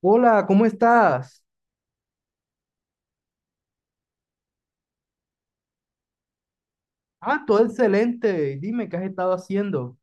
Hola, ¿cómo estás? Ah, todo excelente. Dime, ¿qué has estado haciendo?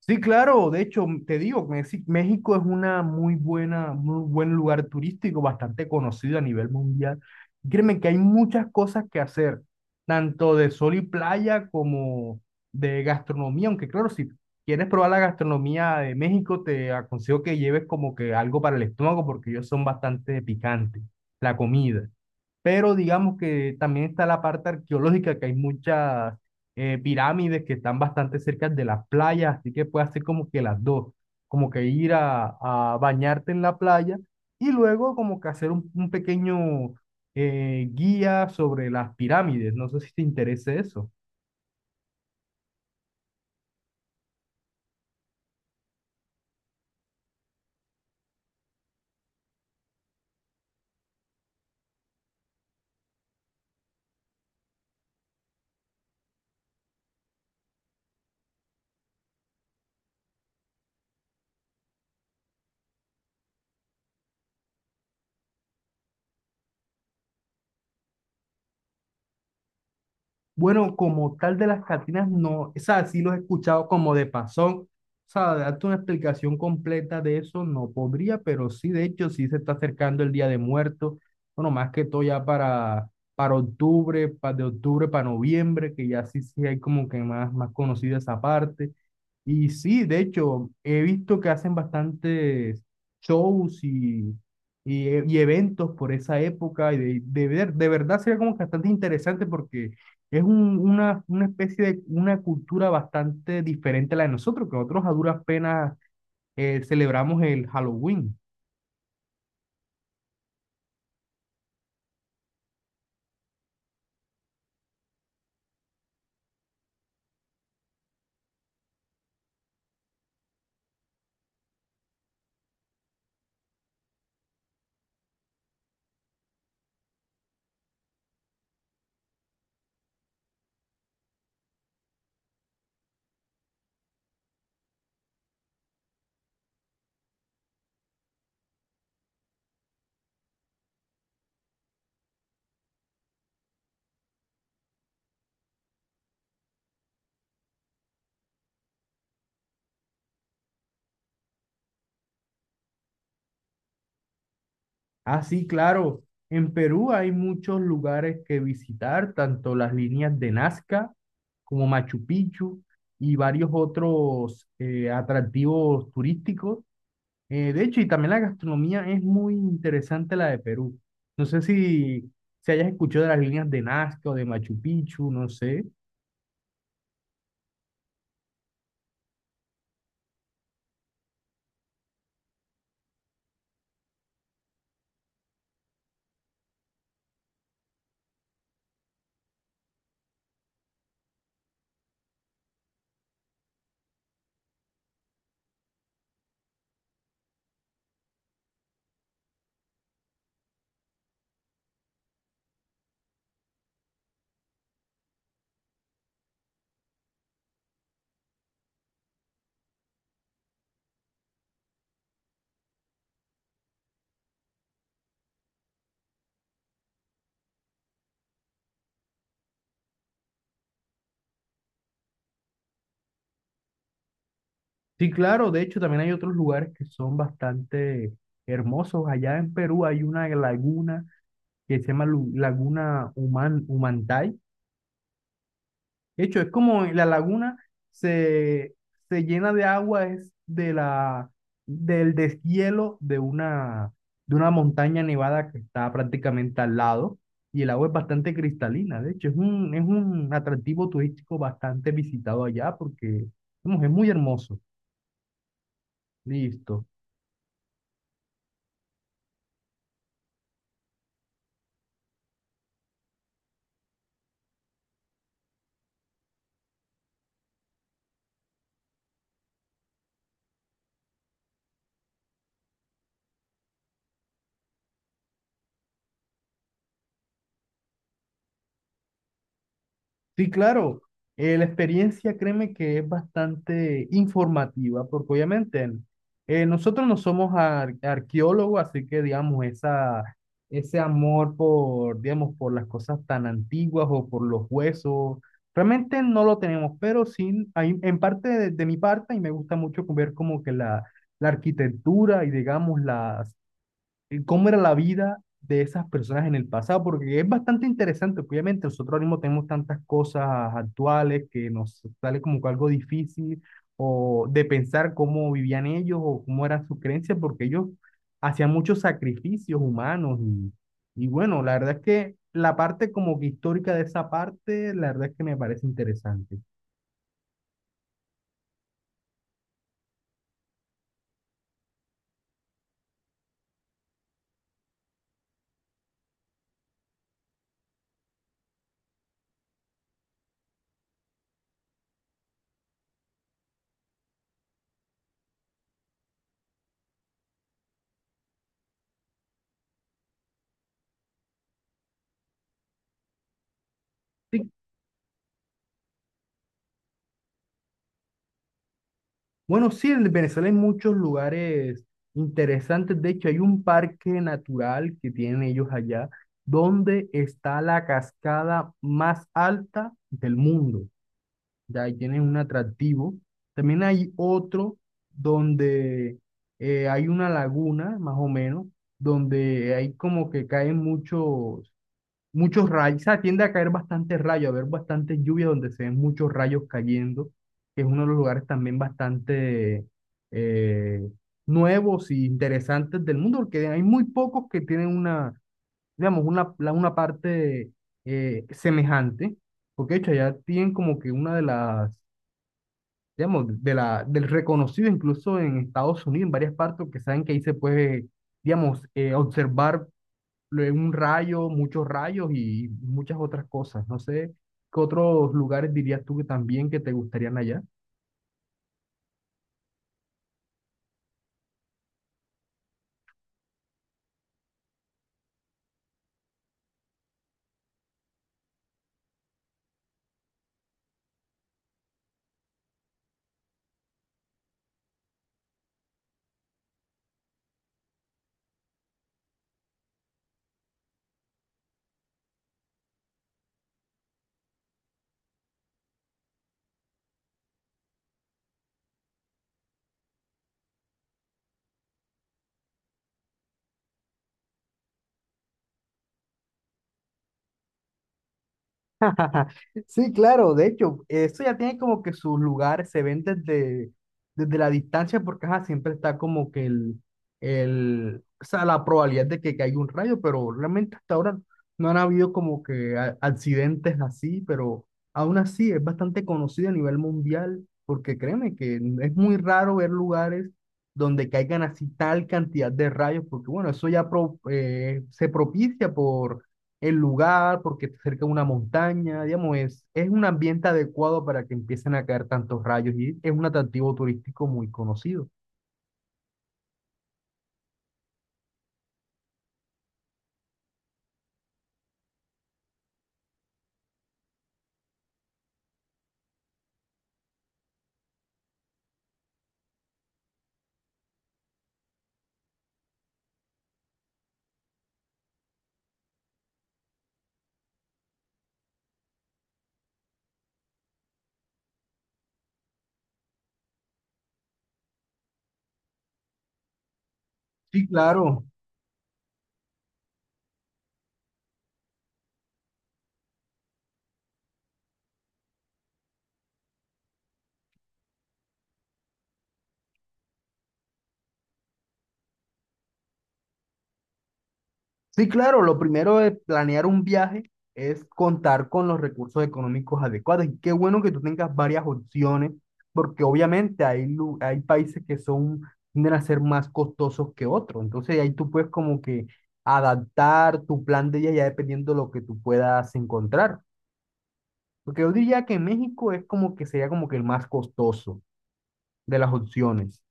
Sí, claro, de hecho, te digo, Mexi- México es una muy buena, muy buen lugar turístico, bastante conocido a nivel mundial. Y créeme que hay muchas cosas que hacer, tanto de sol y playa como de gastronomía, aunque claro, si quieres probar la gastronomía de México, te aconsejo que lleves como que algo para el estómago porque ellos son bastante picantes, la comida. Pero digamos que también está la parte arqueológica, que hay muchas pirámides que están bastante cerca de las playas, así que puedes hacer como que las dos, como que ir a bañarte en la playa y luego como que hacer un pequeño guía sobre las pirámides. No sé si te interesa eso. Bueno, como tal de las Catinas, no, o sea, sí los he escuchado como de pasón. O sea, darte una explicación completa de eso no podría, pero sí, de hecho, sí se está acercando el Día de Muertos. Bueno, más que todo ya para octubre, para de octubre para noviembre, que ya sí, sí hay como que más, más conocida esa parte. Y sí, de hecho, he visto que hacen bastantes shows y eventos por esa época. Y de ver, de verdad sería como que bastante interesante porque es un- una especie de una cultura bastante diferente a la de nosotros, que nosotros a duras penas celebramos el Halloween. Ah, sí, claro, en Perú hay muchos lugares que visitar, tanto las líneas de Nazca como Machu Picchu y varios otros atractivos turísticos. De hecho, y también la gastronomía es muy interesante la de Perú. No sé si, si hayas escuchado de las líneas de Nazca o de Machu Picchu, no sé. Sí, claro, de hecho también hay otros lugares que son bastante hermosos. Allá en Perú hay una laguna que se llama Lu- Laguna Human, Humantay. De hecho, es como la laguna se, se llena de agua, es de la, del deshielo de una montaña nevada que está prácticamente al lado y el agua es bastante cristalina. De hecho, es un atractivo turístico bastante visitado allá porque vamos, es muy hermoso. Listo. Sí, claro. La experiencia, créeme que es bastante informativa, porque obviamente nosotros no somos ar- arqueólogos, así que digamos, esa, ese amor por, digamos, por las cosas tan antiguas o por los huesos, realmente no lo tenemos, pero sí, hay, en parte de mi parte, y me gusta mucho ver como que la arquitectura y digamos la cómo era la vida de esas personas en el pasado, porque es bastante interesante, obviamente nosotros ahora mismo tenemos tantas cosas actuales que nos sale como que algo difícil o de pensar cómo vivían ellos o cómo era su creencia, porque ellos hacían muchos sacrificios humanos y bueno, la verdad es que la parte como que histórica de esa parte, la verdad es que me parece interesante. Así. Bueno, sí, en Venezuela hay muchos lugares interesantes. De hecho, hay un parque natural que tienen ellos allá, donde está la cascada más alta del mundo. Ya ahí tienen un atractivo. También hay otro donde hay una laguna, más o menos, donde hay como que caen muchos rayos, o sea, tiende a caer bastante rayo, a haber bastante lluvia donde se ven muchos rayos cayendo, que es uno de los lugares también bastante eh, nuevos y interesantes del mundo, porque hay muy pocos que tienen una, digamos, una, la- una parte semejante, porque de hecho allá tienen como que una de las, digamos, de la, del reconocido incluso en Estados Unidos, en varias partes, que saben que ahí se puede, digamos, observar luego un rayo, muchos rayos y muchas otras cosas. No sé, ¿qué otros lugares dirías tú que también que te gustarían allá? Sí, claro, de hecho, eso ya tiene como que sus lugares, se ven desde, desde la distancia, porque ajá, siempre está como que el, o sea, la probabilidad de que caiga un rayo, pero realmente hasta ahora no han habido como que a- accidentes así, pero aún así es bastante conocido a nivel mundial, porque créeme que es muy raro ver lugares donde caigan así tal cantidad de rayos, porque bueno, eso ya pro- se propicia el lugar, porque está cerca de una montaña, digamos, es un ambiente adecuado para que empiecen a caer tantos rayos y es un atractivo turístico muy conocido. Sí, claro. Sí, claro, lo primero de planear un viaje es contar con los recursos económicos adecuados. Y qué bueno que tú tengas varias opciones, porque obviamente hay, lu- hay países que son, tienden a ser más costosos que otros. Entonces ahí tú puedes como que adaptar tu plan de viaje ya dependiendo de lo que tú puedas encontrar. Porque yo diría que México es como que sería como que el más costoso de las opciones.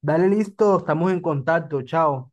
Dale listo, estamos en contacto, chao.